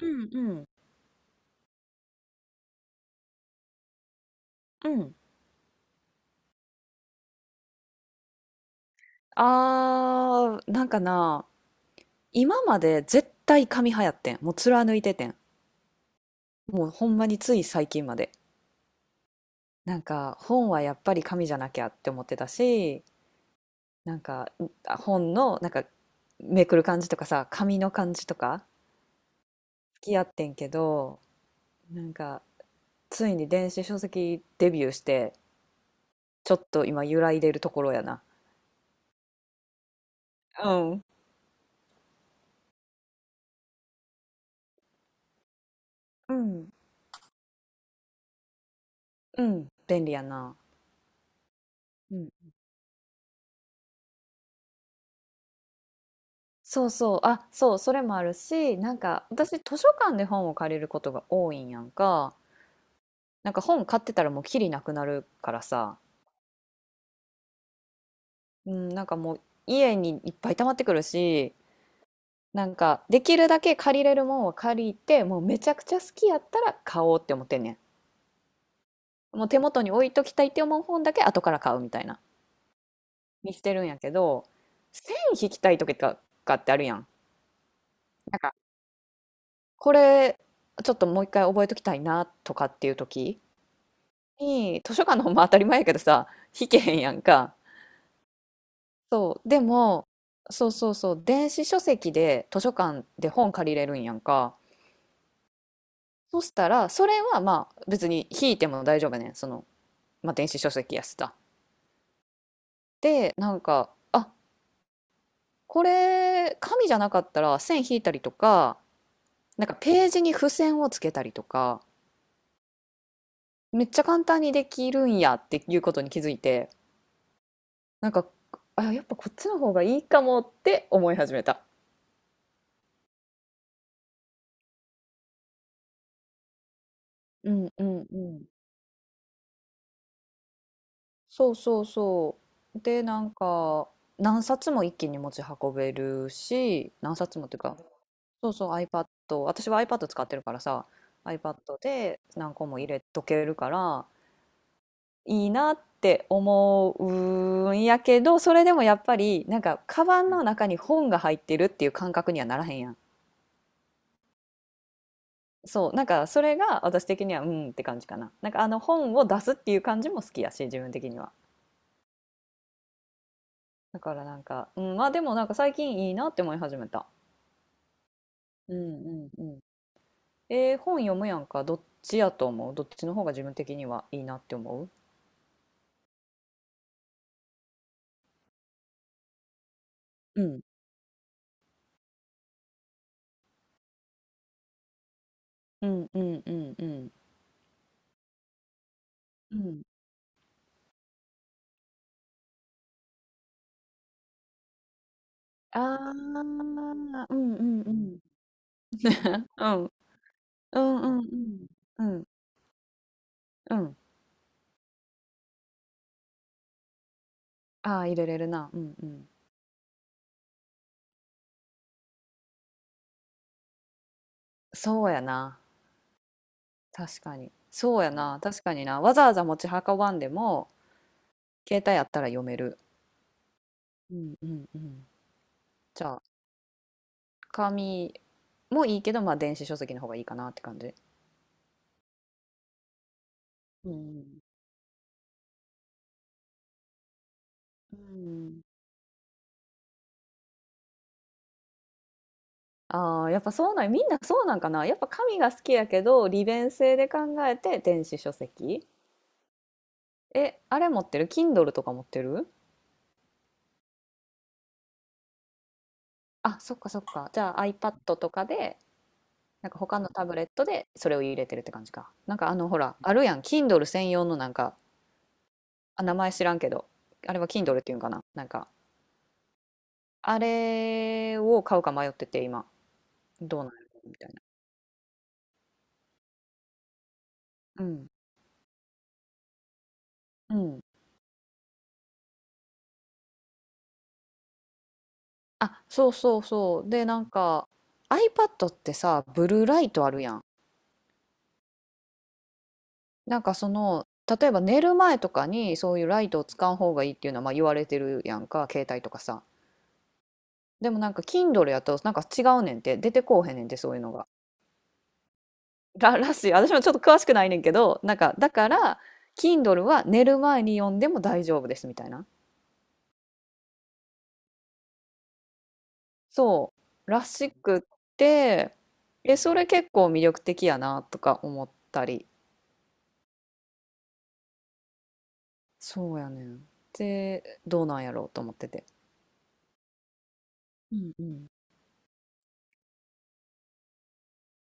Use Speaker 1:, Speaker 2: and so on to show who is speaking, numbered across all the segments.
Speaker 1: うんうんうん。あー、なんかな、今まで絶対紙派やってん。もう貫いててん。もうほんまについ最近まで。なんか本はやっぱり紙じゃなきゃって思ってたし、なんかうあ本のなんかめくる感じとかさ、紙の感じとか好きやってんけど、なんかついに電子書籍デビューして、ちょっと今揺らいでるところやな。うん。うん。うん。便利やな。そうそう、あ、そう、それもあるし、なんか私図書館で本を借りることが多いんやんか。なんか本買ってたらもうきりなくなるからさ、うん、なんかもう家にいっぱい溜まってくるし、なんかできるだけ借りれるもんは借りて、もうめちゃくちゃ好きやったら買おうって思ってんねん。もう手元に置いときたいって思う本だけ後から買うみたいな、にしてるんやけど、線引きたい時とかってあるやん。なんかこれちょっともう一回覚えときたいなとかっていう時。に、図書館の本も当たり前やけどさ、引けへんやんか。そう。でも、そうそうそう、電子書籍で図書館で本借りれるんやんか。そしたら、それはまあ別に引いても大丈夫やねん。その、まあ電子書籍やしさ。で、なんか、あ、これ、紙じゃなかったら線引いたりとか、なんかページに付箋をつけたりとか、めっちゃ簡単にできるんやっていうことに気づいて、なんか、あ、やっぱこっちの方がいいかもって思い始めた。うんうんうん。そうそうそう。で、なんか、何冊も一気に持ち運べるし、何冊もっていうか、そうそう、iPad、私は iPad 使ってるからさ、iPad で何個も入れとけるから、いいなって思うんやけど、それでもやっぱり、なんか、カバンの中に本が入ってるっていう感覚にはならへんやん。そう、なんか、それが私的には、うんって感じかな。なんか、あの本を出すっていう感じも好きやし、自分的には。だからなんか、うん、まあでもなんか最近いいなって思い始めた。うんうんうん。本読むやんか。どっちやと思うどっちの方が自分的にはいいなって思う。うんうんうんうんうん。うん。ああ、うんうんうん。うんうんうんうん。うんうんうんうん。あー入れれるな。うんうん。そうやな。確かに。そうやな。確かにな。わざわざ持ち運ばんでも、携帯あったら読める。うんうんうん。じゃあ、紙もいいけど、まあ電子書籍の方がいいかなって感じ。うん。うん。ああ、やっぱそうなん、みんなそうなんかな。やっぱ紙が好きやけど、利便性で考えて電子書籍。え、あれ持ってる？ Kindle とか持ってる。あ、そっかそっか。じゃあ iPad とかで、なんか他のタブレットでそれを入れてるって感じか。なんかあのほら、あるやん。Kindle 専用のなんか、あ、名前知らんけど、あれは Kindle っていうんかな。なんか、あれを買うか迷ってて今、どうなるみたいな。うん。うん。あ、そうそうそう。で、なんか、iPad ってさ、ブルーライトあるやん。なんかその例えば寝る前とかにそういうライトを使う方がいいっていうのはまあ言われてるやんか、携帯とかさ。でもなんか Kindle やとなんか違うねんって出てこうへんねんって、そういうのがらしい。私もちょっと詳しくないねんけど、なんかだから Kindle は寝る前に読んでも大丈夫ですみたいな、そうらしくって、えそれ結構魅力的やなとか思ったり。そうやねん。でどうなんやろうと思ってて。うんうん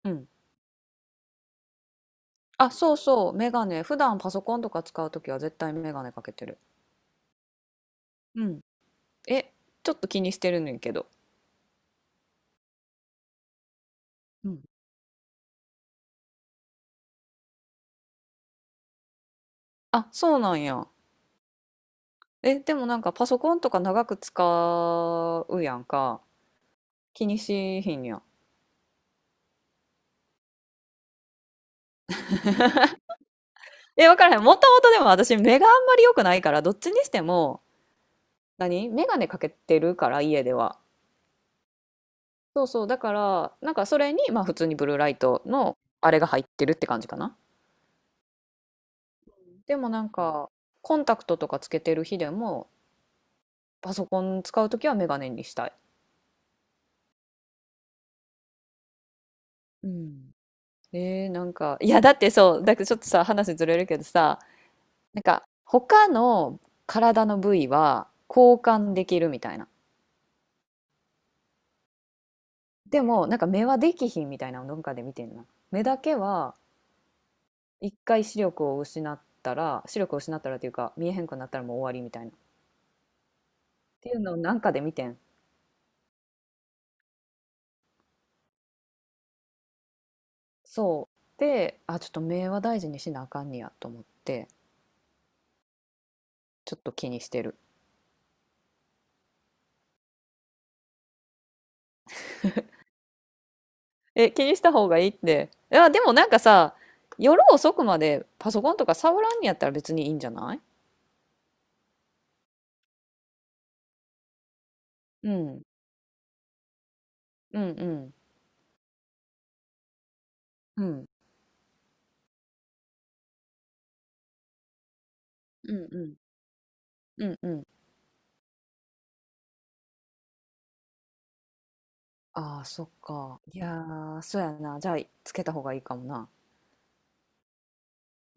Speaker 1: うん。あ、そうそう、メガネ。普段パソコンとか使うときは絶対メガネかけてる。うん。え、ちょっと気にしてるねんけど。うん。あ、そうなんや。え、でもなんかパソコンとか長く使うやんか。気にしひんや。え、わからへん。もともとでも私目があんまり良くないから、どっちにしても、何メガネかけてるから、家では。そうそう。だから、なんかそれに、まあ普通にブルーライトのあれが入ってるって感じかな。でもなんか、コンタクトとかつけてる日でも、パソコン使うときはメガネにしたい。うん。なんか、いや、だってそう、だけどちょっとさ、話ずれるけどさ、なんか、他の体の部位は交換できるみたいな。でも、なんか目はできひんみたいなのどっかで見てんな。目だけは、一回視力を失ったら、視力を失ったらっていうか、見えへんくなったらもう終わりみたいな。っていうのをなんかで見てん。そう。で、あ、ちょっと目は大事にしなあかんねやと思って、ちょっと気にしてる。え、気にした方がいいって。いや、でもなんかさ、夜遅くまでパソコンとか触らんにやったら別にいいんじゃない？うん。うんうん。うん。うんうん。うんうん。ああ、そっか。いやー、そうやな。じゃあ、つけた方がいいかもな。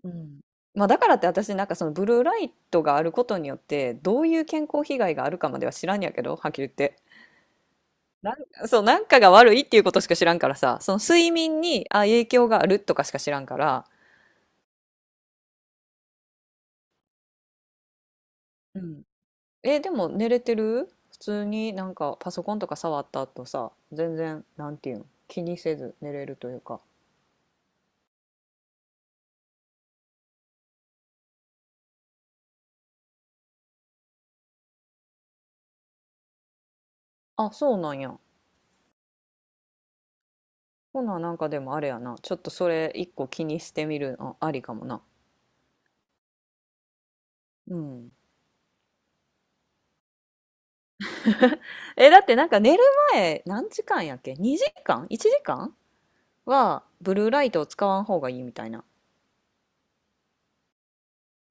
Speaker 1: うん。まあ、だからって私、なんかそのブルーライトがあることによって、どういう健康被害があるかまでは知らんやけど、はっきり言って。なそう、なんかが悪いっていうことしか知らんからさ、その睡眠に、あ、影響があるとかしか知らんから、え、でも寝れてる、普通になんかパソコンとか触った後さ、全然、なんていうん気にせず寝れるというか。あ、そうなんや。ほな、なんかでもあれやな。ちょっとそれ一個気にしてみるのありかもな。うん。え、だってなんか寝る前何時間やっけ？ 2 時間？ 1 時間はブルーライトを使わん方がいいみたいな。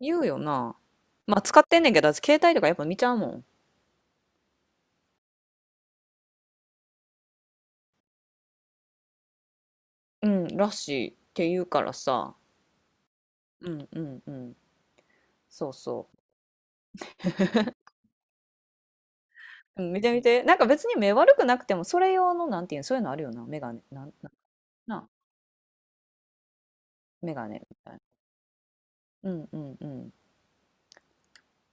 Speaker 1: 言うよな。まあ使ってんねんけど、私携帯とかやっぱ見ちゃうもん。うん、らしいって言うからさ。うんうんうん。そうそう。うん、見て見て。なんか別に目悪くなくても、それ用の、なんていうの、そういうのあるよな、メガネ、なん、なん、な、メガネみたいな。うんうんうん。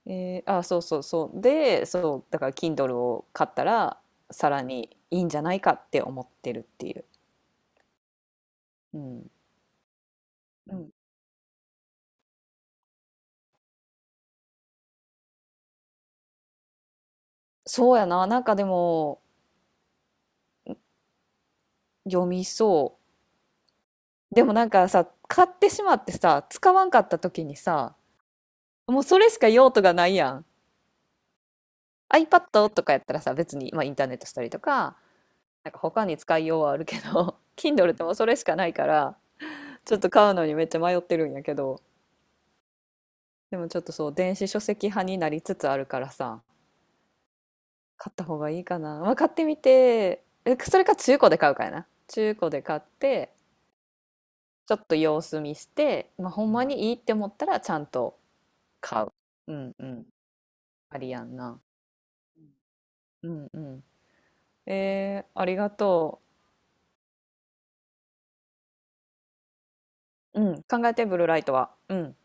Speaker 1: あ、そうそうそう。で、そう、だから Kindle を買ったら、さらにいいんじゃないかって思ってるっていう。うん。うん、そうやな、なんかでも、読みそう。でもなんかさ、買ってしまってさ、使わんかった時にさ、もうそれしか用途がないやん。iPad とかやったらさ、別に、まあ、インターネットしたりとか、なんか他に使いようはあるけど、 Kindle ってもうそれしかないから、ちょっと買うのにめっちゃ迷ってるんやけど、でもちょっとそう電子書籍派になりつつあるからさ、買った方がいいかな、まあ、買ってみて、それか中古で買うかやな。中古で買ってちょっと様子見して、まあ、ほんまにいいって思ったらちゃんと買う。うんうん。ありやんな。うんうん。ありがとう。うん。考えてブルーライトはうん。